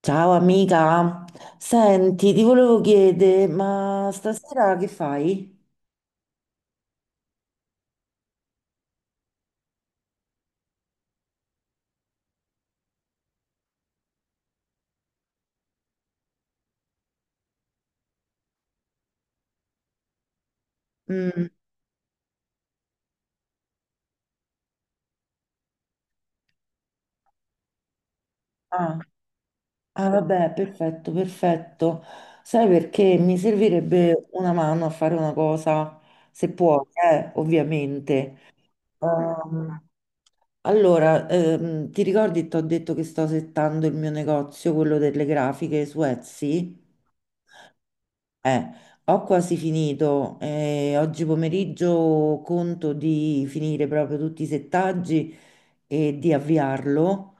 Ciao amica, senti, ti volevo chiedere, ma stasera che fai? Mm, ah, ah, vabbè, perfetto, perfetto. Sai perché mi servirebbe una mano a fare una cosa, se puoi, ovviamente. Ehm, allora, ti ricordi, ti ho detto che sto settando il mio negozio, quello delle grafiche su Etsy? Eh, Ho quasi finito. Oggi pomeriggio conto di finire proprio tutti i settaggi e di avviarlo.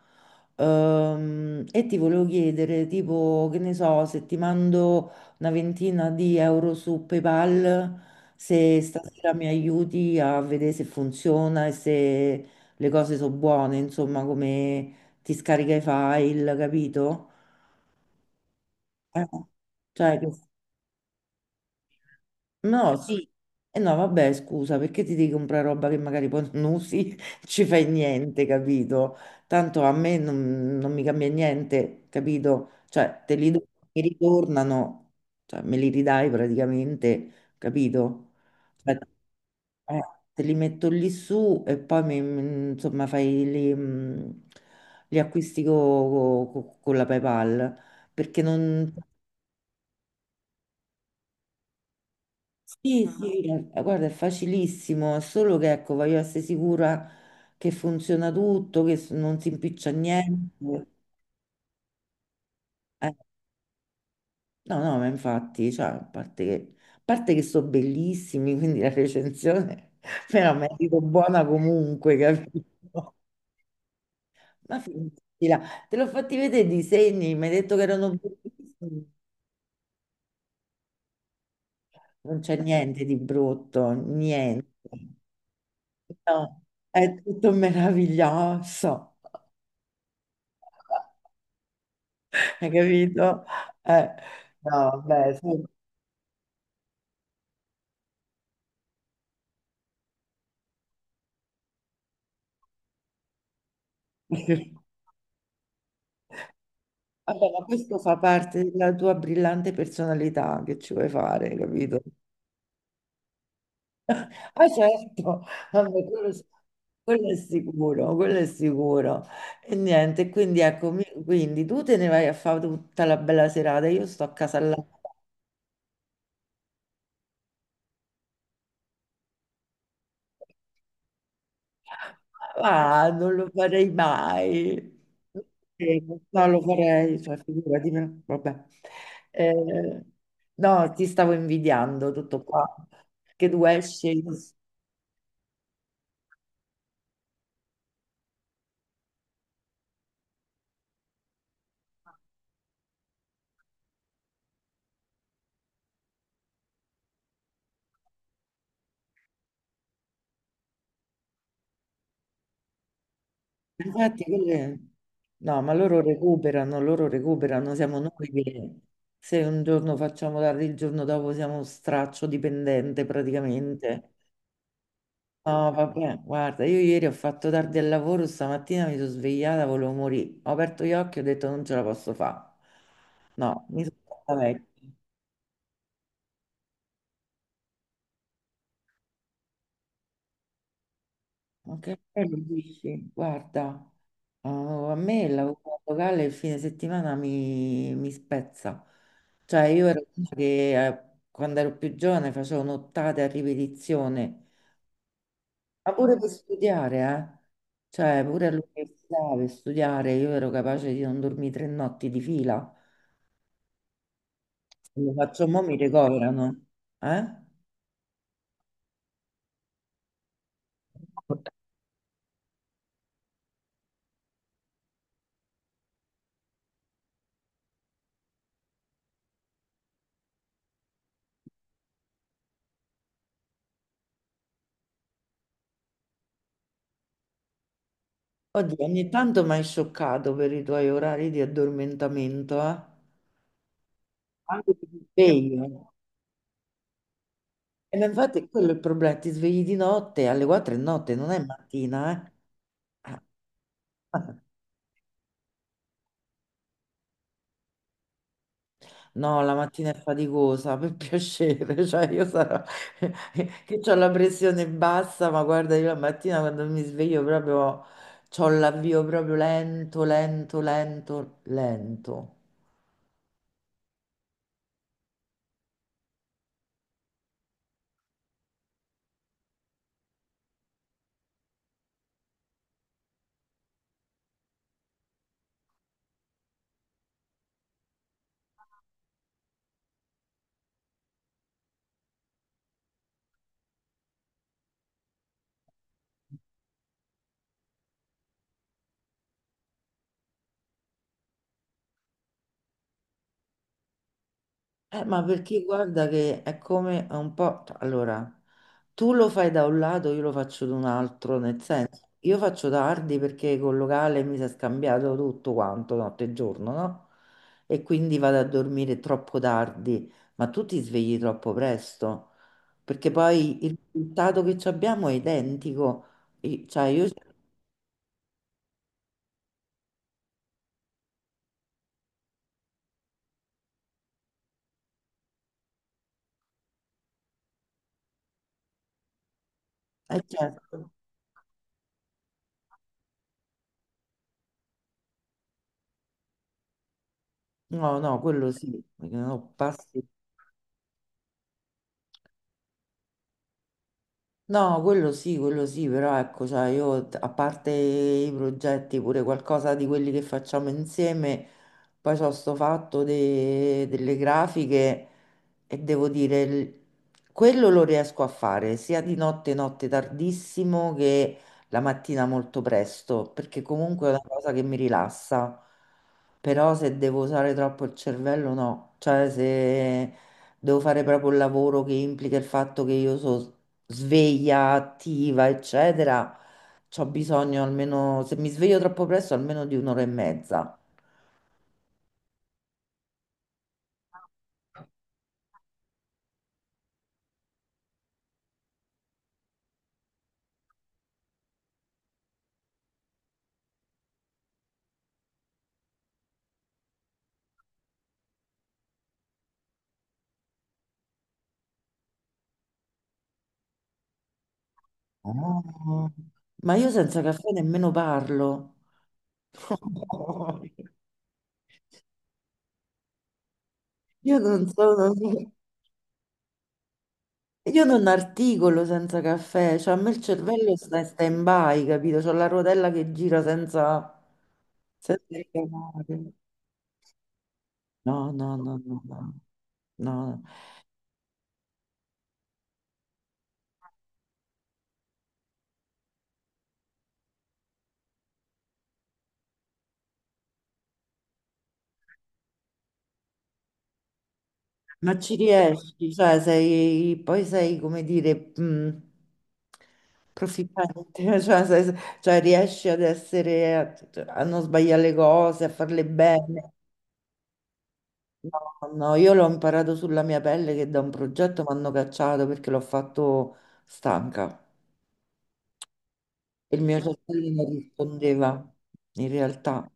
E ti volevo chiedere, tipo, che ne so, se ti mando una ventina di euro su PayPal, se stasera mi aiuti a vedere se funziona e se le cose sono buone, insomma, come ti scarica i file, capito? Eh, cioè, che no, sì, sì. E no, vabbè, scusa, perché ti devi comprare roba che magari poi non usi, ci fai niente, capito? Tanto a me non mi cambia niente, capito? Cioè, te li do, mi ritornano, cioè, me li ridai praticamente, capito? Cioè, eh, te li metto lì su e poi, insomma, fai li, gli acquisti con la PayPal, perché non. Sì, sì, guarda, è facilissimo, è solo che ecco, voglio essere sicura che funziona tutto, che non si impiccia niente. Eh, no, no, ma infatti, cioè, a parte che sono bellissimi, quindi la recensione me la merito buona comunque, capito? Ma finitela, te l'ho fatti vedere i disegni, mi hai detto che erano bellissimi, non c'è niente di brutto, niente. No, è tutto meraviglioso. Hai capito? Eh, no, beh, sì. Vabbè, ma questo fa parte della tua brillante personalità, che ci vuoi fare, capito? Ah, certo, vabbè, quello, quello è sicuro, quello è sicuro. E niente, quindi ecco, quindi tu te ne vai a fare tutta la bella serata, io sto a casa là. Ma non lo farei mai. Eh, No, lo farei, cioè, figurati, vabbè. Eh, no, ti stavo invidiando tutto qua. Che tu esci. Infatti, no, ma loro recuperano, siamo noi che se un giorno facciamo tardi, il giorno dopo siamo straccio dipendente praticamente. No, vabbè, guarda, io ieri ho fatto tardi al lavoro, stamattina mi sono svegliata, volevo morire. Ho aperto gli occhi e ho detto non ce la posso fare. No, mi sono fatta vecchia. Anche bello, dici, guarda, oh, a me il lavoro locale il fine settimana mi spezza. Cioè, io ero una che quando ero più giovane facevo nottate a ripetizione, ma pure per studiare, eh. Cioè, pure all'università per studiare, io ero capace di non dormire 3 notti di fila. Lo faccio, mo mi ricoverano. Eh? Oddio, ogni tanto mi hai scioccato per i tuoi orari di addormentamento, eh? Quando ti sveglio. E ma infatti quello è il problema, ti svegli di notte alle 4 di notte, non è mattina, eh? Ah. No, la mattina è faticosa, per piacere, cioè io sarò che ho la pressione bassa, ma guarda, io la mattina quando mi sveglio proprio ho l'avvio proprio lento, lento, lento, lento. Ma perché guarda che è come è un po', cioè, allora, tu lo fai da un lato, io lo faccio da un altro, nel senso, io faccio tardi perché col locale mi si è scambiato tutto quanto, notte e giorno, no? E quindi vado a dormire troppo tardi, ma tu ti svegli troppo presto, perché poi il risultato che ci abbiamo è identico. Cioè, io. Certo. No, no, quello sì, perché no, passi. No, quello sì, però ecco, cioè io a parte i progetti, pure qualcosa di quelli che facciamo insieme, poi c'ho sto fatto delle grafiche e devo dire, quello lo riesco a fare sia di notte, notte tardissimo che la mattina molto presto, perché comunque è una cosa che mi rilassa, però se devo usare troppo il cervello no, cioè se devo fare proprio il lavoro che implica il fatto che io so sveglia attiva, eccetera, c'ho bisogno almeno, se mi sveglio troppo presto, almeno di un'ora e mezza. Ah. Ma io senza caffè nemmeno parlo. Io non sono, io non articolo senza caffè, cioè a me il cervello sta in stand-by, capito? C'ho la rotella che gira senza richiamare. No, no, no, no, no. No. Ma ci riesci, cioè sei, poi sei, come dire, profittante, cioè, cioè riesci ad essere, a, a non sbagliare le cose, a farle bene. No, no, io l'ho imparato sulla mia pelle che da un progetto mi hanno cacciato perché l'ho fatto stanca. Il mio cervello non rispondeva, in realtà.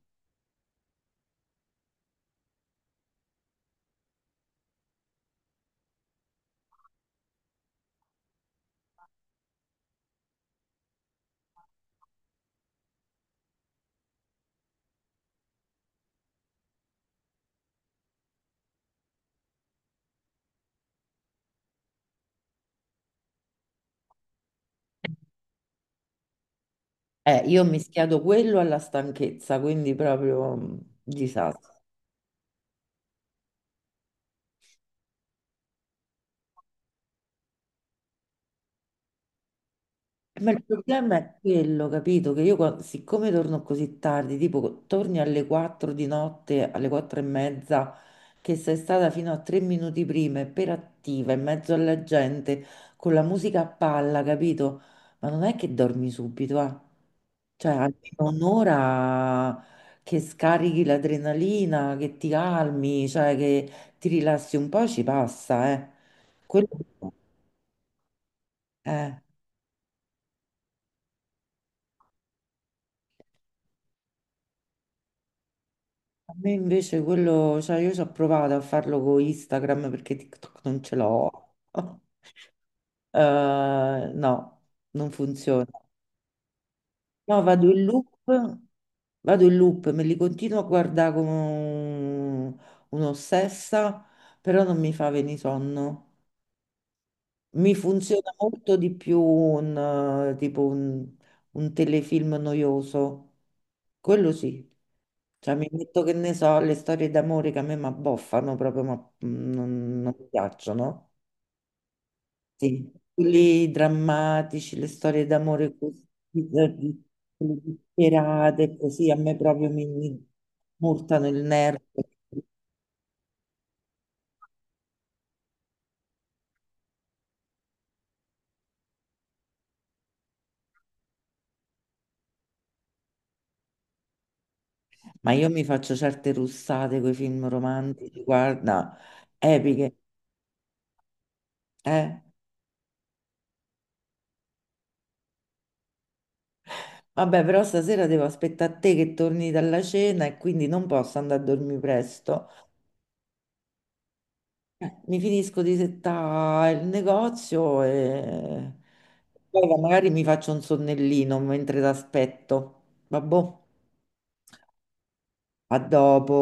Io ho mischiato quello alla stanchezza, quindi proprio disastro. Ma il problema è quello, capito? Che io, siccome torno così tardi, tipo torni alle 4 di notte, alle 4 e mezza, che sei stata fino a 3 minuti prima, e per attiva, in mezzo alla gente, con la musica a palla, capito? Ma non è che dormi subito, eh? Cioè, almeno un'ora che scarichi l'adrenalina, che ti calmi, cioè che ti rilassi un po', ci passa, eh? Quello, eh. A me invece quello, cioè io ci ho provato a farlo con Instagram perché TikTok non ce l'ho. Eh, no, non funziona. No, vado in loop, me li continuo a guardare come un'ossessa, però non mi fa venire sonno. Mi funziona molto di più un tipo un telefilm noioso. Quello sì. Cioè, mi metto che ne so, le storie d'amore che a me mi abboffano proprio, ma non mi piacciono. Sì, quelli drammatici, le storie d'amore così, eh, di- quelle disperate, così a me proprio mi murtano il nervo. Ma io mi faccio certe russate con i film romantici, guarda, epiche, eh. Vabbè, però stasera devo aspettare a te che torni dalla cena e quindi non posso andare a dormire presto. Mi finisco di settare il negozio e poi magari mi faccio un sonnellino mentre t'aspetto. Vabbò, a dopo.